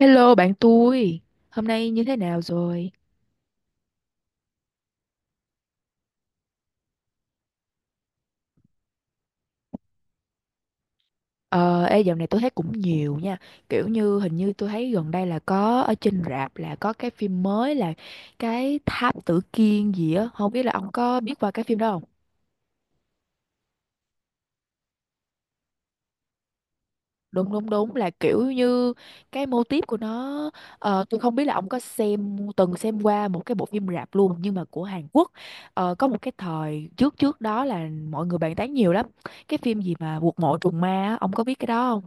Hello bạn tôi, hôm nay như thế nào rồi? Dạo này tôi thấy cũng nhiều nha, kiểu như hình như tôi thấy gần đây là có ở trên rạp là có cái phim mới là cái Tháp Tử Kiên gì á, không biết là ông có biết qua cái phim đó không? Đúng đúng đúng, là kiểu như cái mô típ của nó, tôi không biết là ông có xem từng xem qua một cái bộ phim rạp luôn nhưng mà của Hàn Quốc. Có một cái thời trước trước đó là mọi người bàn tán nhiều lắm, cái phim gì mà Quật mộ trùng ma á, ông có biết cái đó không?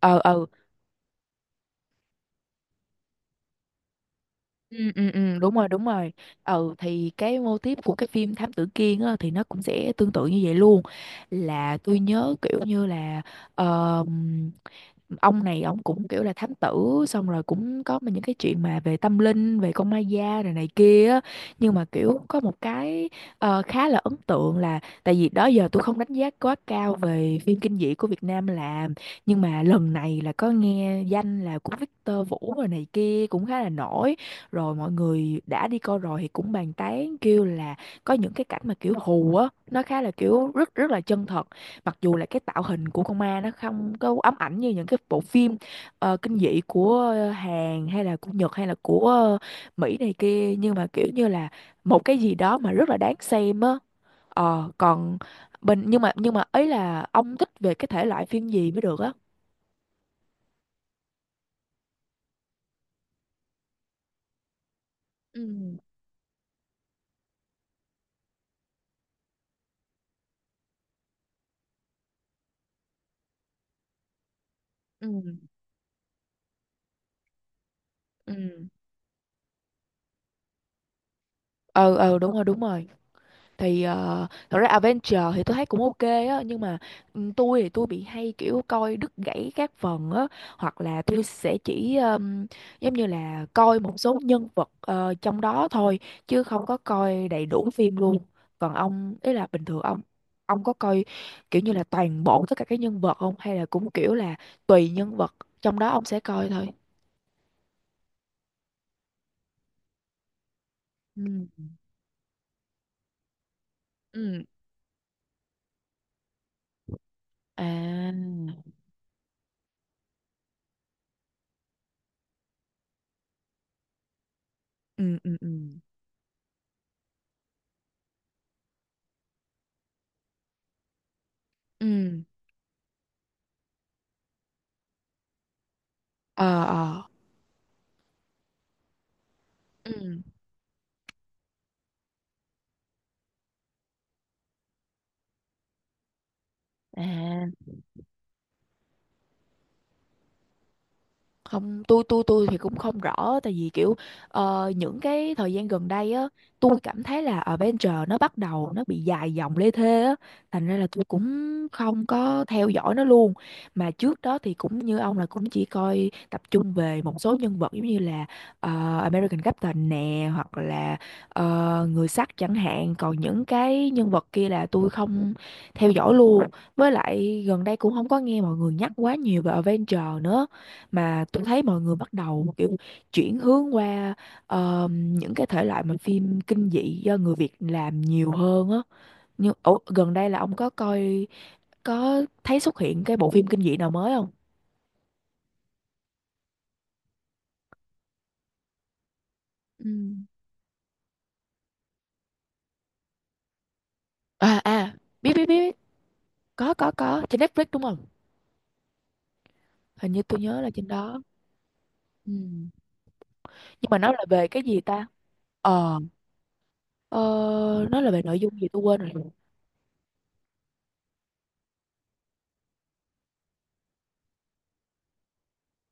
Ờ ờ. Ừ, ừ, ừ, đúng rồi đúng rồi. Ừ thì cái mô típ của cái phim Thám Tử Kiên á, thì nó cũng sẽ tương tự như vậy luôn, là tôi nhớ kiểu như là ờm, ông này ông cũng kiểu là thám tử, xong rồi cũng có những cái chuyện mà về tâm linh, về con ma da rồi này kia á. Nhưng mà kiểu có một cái khá là ấn tượng, là tại vì đó giờ tôi không đánh giá quá cao về phim kinh dị của Việt Nam làm, nhưng mà lần này là có nghe danh là của Victor Vũ rồi này kia cũng khá là nổi, rồi mọi người đã đi coi rồi thì cũng bàn tán kêu là có những cái cảnh mà kiểu hù á, nó khá là kiểu rất rất là chân thật, mặc dù là cái tạo hình của con ma nó không có ám ảnh như những cái bộ phim kinh dị của Hàn hay là của Nhật hay là của Mỹ này kia, nhưng mà kiểu như là một cái gì đó mà rất là đáng xem á. Còn bình nhưng mà ấy là ông thích về cái thể loại phim gì mới được á? Ừ ừ ừ ừ. Ừ, đúng rồi đúng rồi. Thì thật ra Adventure thì tôi thấy cũng ok á, nhưng mà ừ, tôi thì tôi bị hay kiểu coi đứt gãy các phần á, hoặc là tôi sẽ chỉ giống như là coi một số nhân vật trong đó thôi, chứ không có coi đầy đủ phim luôn. Còn ông ý là bình thường ông có coi kiểu như là toàn bộ tất cả các nhân vật không, hay là cũng kiểu là tùy nhân vật trong đó ông sẽ coi thôi? Ừ ừ. À. ừ ừ ừ ừ. ờ ờ. ừ. À, không, tôi thì cũng không rõ, tại vì kiểu những cái thời gian gần đây á, tôi cảm thấy là Avenger nó bắt đầu nó bị dài dòng lê thê á, thành ra là tôi cũng không có theo dõi nó luôn. Mà trước đó thì cũng như ông là cũng chỉ coi tập trung về một số nhân vật giống như là American Captain nè, hoặc là người sắt chẳng hạn, còn những cái nhân vật kia là tôi không theo dõi luôn. Với lại gần đây cũng không có nghe mọi người nhắc quá nhiều về Avenger nữa, mà tôi thấy mọi người bắt đầu kiểu chuyển hướng qua những cái thể loại mà phim kinh dị do người Việt làm nhiều hơn á. Nhưng ủa, gần đây là ông có coi, có thấy xuất hiện cái bộ phim kinh dị nào mới không? Ừ. À à, biết biết biết. Có, trên Netflix đúng không? Hình như tôi nhớ là trên đó. Ừ. Nhưng mà nó là về cái gì ta? ờ. ờ, nó là về nội dung gì tôi quên rồi.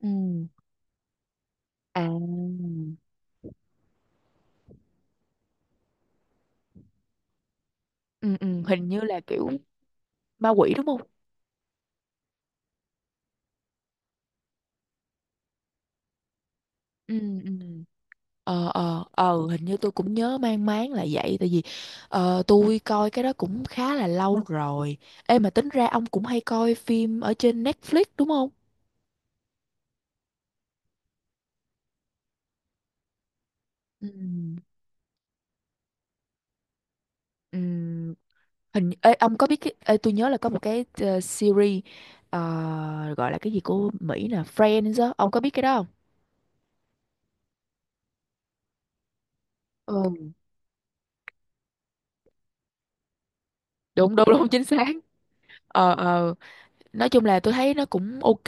Ừ. À. Ừ, ừ, hình như là kiểu ma quỷ đúng không? Ừ. Ừ. Hình như tôi cũng nhớ mang máng là vậy, tại vì tôi coi cái đó cũng khá là lâu rồi. Ê, mà tính ra ông cũng hay coi phim ở trên Netflix đúng không? Ừ. Ừ. Ông có biết cái tôi nhớ là có một cái series gọi là cái gì của Mỹ nè, Friends á, ông có biết cái đó không? Ừ. Đúng đúng đúng, chính xác. Ờ ờ. Nói chung là tôi thấy nó cũng ok,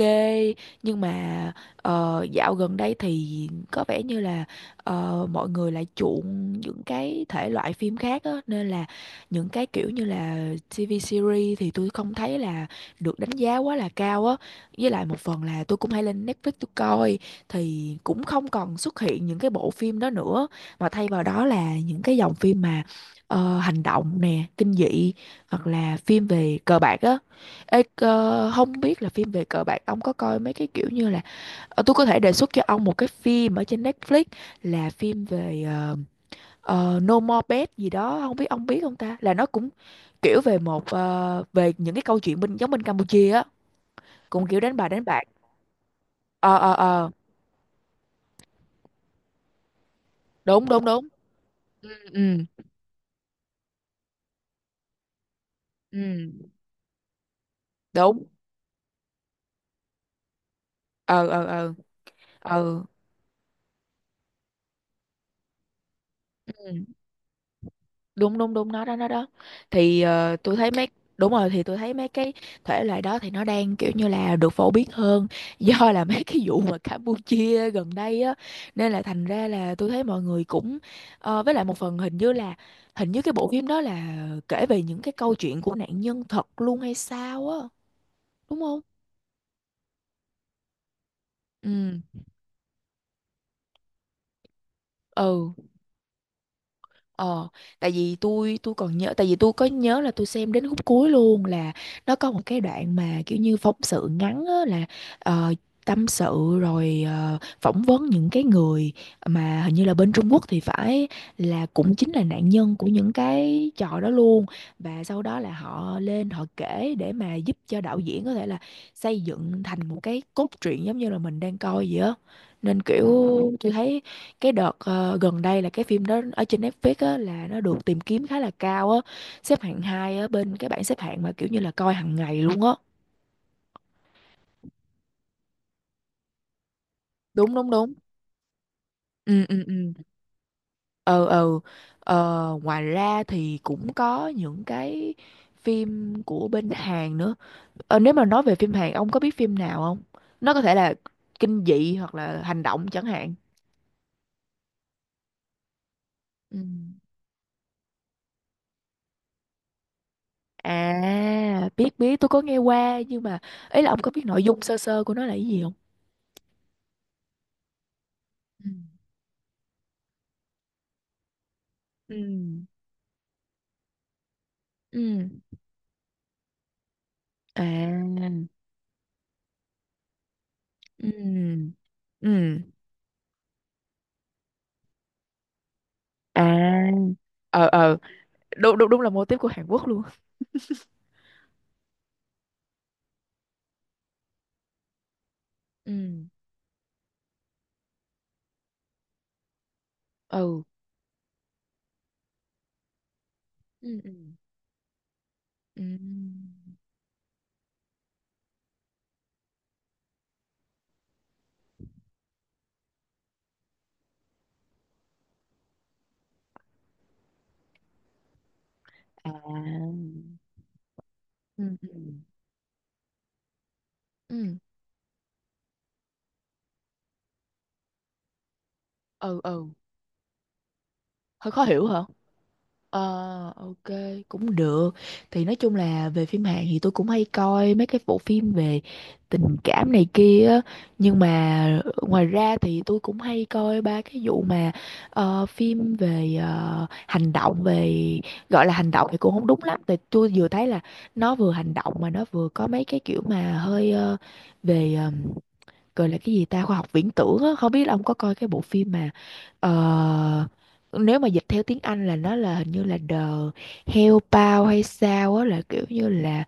nhưng mà dạo gần đây thì có vẻ như là mọi người lại chuộng những cái thể loại phim khác á, nên là những cái kiểu như là TV series thì tôi không thấy là được đánh giá quá là cao á. Với lại một phần là tôi cũng hay lên Netflix tôi coi, thì cũng không còn xuất hiện những cái bộ phim đó nữa, mà thay vào đó là những cái dòng phim mà hành động nè, kinh dị, hoặc là phim về cờ bạc á. Ê, không biết là phim về cờ bạc ông có coi mấy cái kiểu như là. Ờ, tôi có thể đề xuất cho ông một cái phim ở trên Netflix, là phim về No More Bet gì đó, không biết ông biết không ta, là nó cũng kiểu về một về những cái câu chuyện bên giống bên Campuchia á, cũng kiểu đánh bài đánh bạc. Ờ ờ ờ. Đúng đúng đúng. Ừ ừ. Ừ, đúng. Ờ ờ ờ ờ. Ừ. Đúng đúng đúng, nó đó nó đó. Thì tôi thấy mấy đúng rồi, thì tôi thấy mấy cái thể loại đó thì nó đang kiểu như là được phổ biến hơn do là mấy cái vụ mà Campuchia gần đây á, nên là thành ra là tôi thấy mọi người cũng với lại một phần hình như cái bộ phim đó là kể về những cái câu chuyện của nạn nhân thật luôn hay sao á, đúng không? Ừ ừ. Ờ, tại vì tôi có nhớ là tôi xem đến khúc cuối luôn, là nó có một cái đoạn mà kiểu như phóng sự ngắn á, là ờ, tâm sự rồi phỏng vấn những cái người mà hình như là bên Trung Quốc thì phải, là cũng chính là nạn nhân của những cái trò đó luôn, và sau đó là họ lên họ kể để mà giúp cho đạo diễn có thể là xây dựng thành một cái cốt truyện giống như là mình đang coi vậy á. Nên kiểu tôi thấy cái đợt gần đây là cái phim đó ở trên Netflix á, là nó được tìm kiếm khá là cao á, xếp hạng hai á, bên cái bảng xếp hạng mà kiểu như là coi hàng ngày luôn á. Đúng đúng đúng. Ừ ừ ừ ừ ừ. Ờ, ngoài ra thì cũng có những cái phim của bên Hàn nữa. Ờ, nếu mà nói về phim Hàn, ông có biết phim nào không? Nó có thể là kinh dị hoặc là hành động chẳng hạn. ừ. À, biết biết, tôi có nghe qua, nhưng mà ý là ông có biết nội dung sơ sơ của nó là cái gì không? Ừ. Ừ. Ừ. À. Ừ. Ừ. À. Ờ ờ, đúng đúng đúng, là mô típ của Hàn Quốc luôn. Ừ. Ừ. Ừ. Ừ. Ừ. À. Ừ. Ừ. Ừ ừ. Ừ. Hơi khó hiểu hả? Ờ, ok, cũng được. Thì nói chung là về phim Hàn thì tôi cũng hay coi mấy cái bộ phim về tình cảm này kia á. Nhưng mà ngoài ra thì tôi cũng hay coi ba cái vụ mà phim về hành động, về gọi là hành động thì cũng không đúng lắm. Tại tôi vừa thấy là nó vừa hành động mà nó vừa có mấy cái kiểu mà hơi về gọi là cái gì ta, khoa học viễn tưởng á. Không biết là ông có coi cái bộ phim mà ờ, nếu mà dịch theo tiếng Anh là nó là hình như là The Hellbound hay sao á, là kiểu như là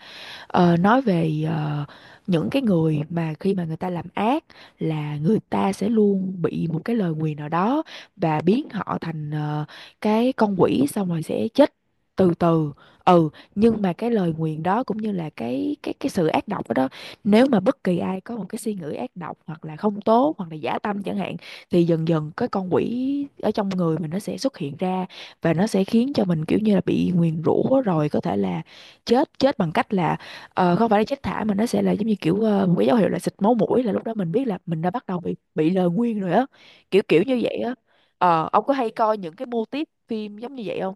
nói về những cái người mà khi mà người ta làm ác là người ta sẽ luôn bị một cái lời nguyền nào đó và biến họ thành cái con quỷ, xong rồi sẽ chết từ từ. Ừ, nhưng mà cái lời nguyền đó cũng như là cái sự ác độc đó, nếu mà bất kỳ ai có một cái suy nghĩ ác độc hoặc là không tốt hoặc là giả tâm chẳng hạn thì dần dần cái con quỷ ở trong người mình nó sẽ xuất hiện ra, và nó sẽ khiến cho mình kiểu như là bị nguyền rủa rồi có thể là chết chết bằng cách là không phải là chết thả mà nó sẽ là giống như kiểu một cái dấu hiệu là xịt máu mũi, là lúc đó mình biết là mình đã bắt đầu bị lời nguyền rồi á, kiểu kiểu như vậy á. Ờ, ông có hay coi những cái mô típ phim giống như vậy không,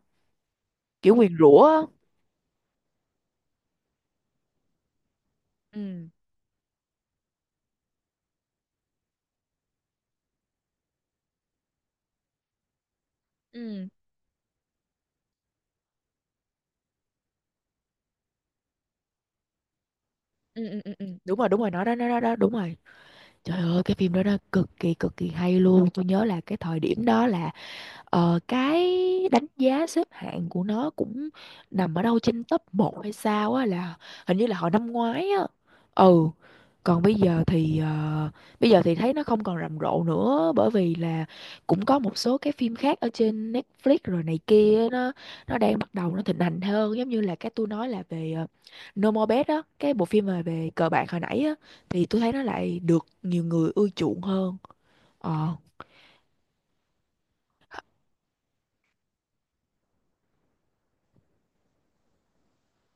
kiểu nguyền rủa á. Ừ ừ ừ ừ ừ ừ. Đúng rồi, đúng rồi, nó đó, nó đó, đó đúng rồi. Trời ơi, cái phim đó nó cực kỳ hay luôn. Tôi nhớ là cái thời điểm đó là cái đánh giá xếp hạng của nó cũng nằm ở đâu trên top 1 hay sao á, là hình như là hồi năm ngoái á. Ừ. Còn bây giờ thì bây giờ thì thấy nó không còn rầm rộ nữa, bởi vì là cũng có một số cái phim khác ở trên Netflix rồi này kia, nó đang bắt đầu nó thịnh hành hơn, giống như là cái tôi nói là về No More Bad á, cái bộ phim mà về cờ bạc hồi nãy á, thì tôi thấy nó lại được nhiều người ưa chuộng hơn. Ờ.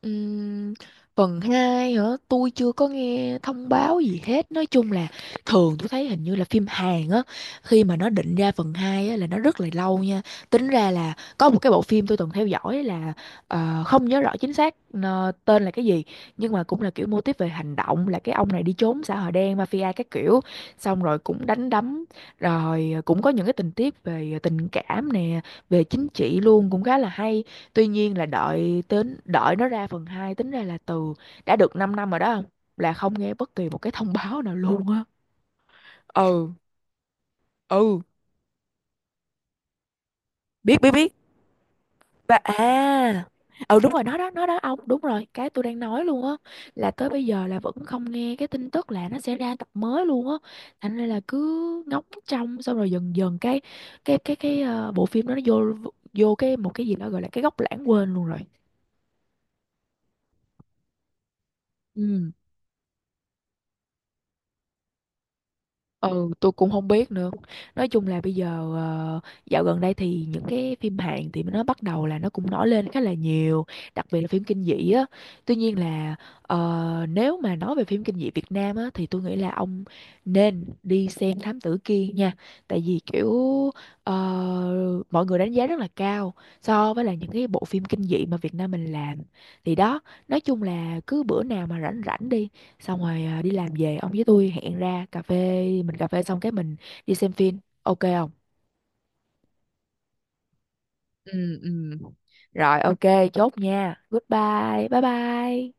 Ừm, phần 2 hả? Tôi chưa có nghe thông báo gì hết. Nói chung là thường tôi thấy hình như là phim Hàn á, khi mà nó định ra phần 2 á là nó rất là lâu nha. Tính ra là có một cái bộ phim tôi từng theo dõi là không nhớ rõ chính xác tên là cái gì, nhưng mà cũng là kiểu mô típ về hành động, là cái ông này đi trốn xã hội đen mafia các kiểu, xong rồi cũng đánh đấm, rồi cũng có những cái tình tiết về tình cảm nè, về chính trị luôn, cũng khá là hay. Tuy nhiên là đợi đến đợi nó ra phần 2 tính ra là từ đã được 5 năm rồi đó không? Là không nghe bất kỳ một cái thông báo nào luôn á. Ừ ừ. Biết biết biết và à. Ừ đúng rồi, nó đó ông, đúng rồi, cái tôi đang nói luôn á, là tới bây giờ là vẫn không nghe cái tin tức là nó sẽ ra tập mới luôn á. Thành ra là cứ ngóng trông, xong rồi dần dần cái cái bộ phim đó nó vô vô cái một cái gì đó gọi là cái góc lãng quên luôn rồi. Ừ. Ừ, tôi cũng không biết nữa. Nói chung là bây giờ ờ, dạo gần đây thì những cái phim Hàn thì nó bắt đầu là nó cũng nổi lên khá là nhiều, đặc biệt là phim kinh dị á. Tuy nhiên là nếu mà nói về phim kinh dị Việt Nam á thì tôi nghĩ là ông nên đi xem Thám Tử Kiên nha. Tại vì kiểu ờ, mọi người đánh giá rất là cao so với là những cái bộ phim kinh dị mà Việt Nam mình làm. Thì đó, nói chung là cứ bữa nào mà rảnh rảnh đi, xong rồi à, đi làm về ông với tôi hẹn ra cà phê, mình cà phê xong cái mình đi xem phim, ok không? Ừ ừ. Rồi ok, chốt nha, goodbye, bye bye.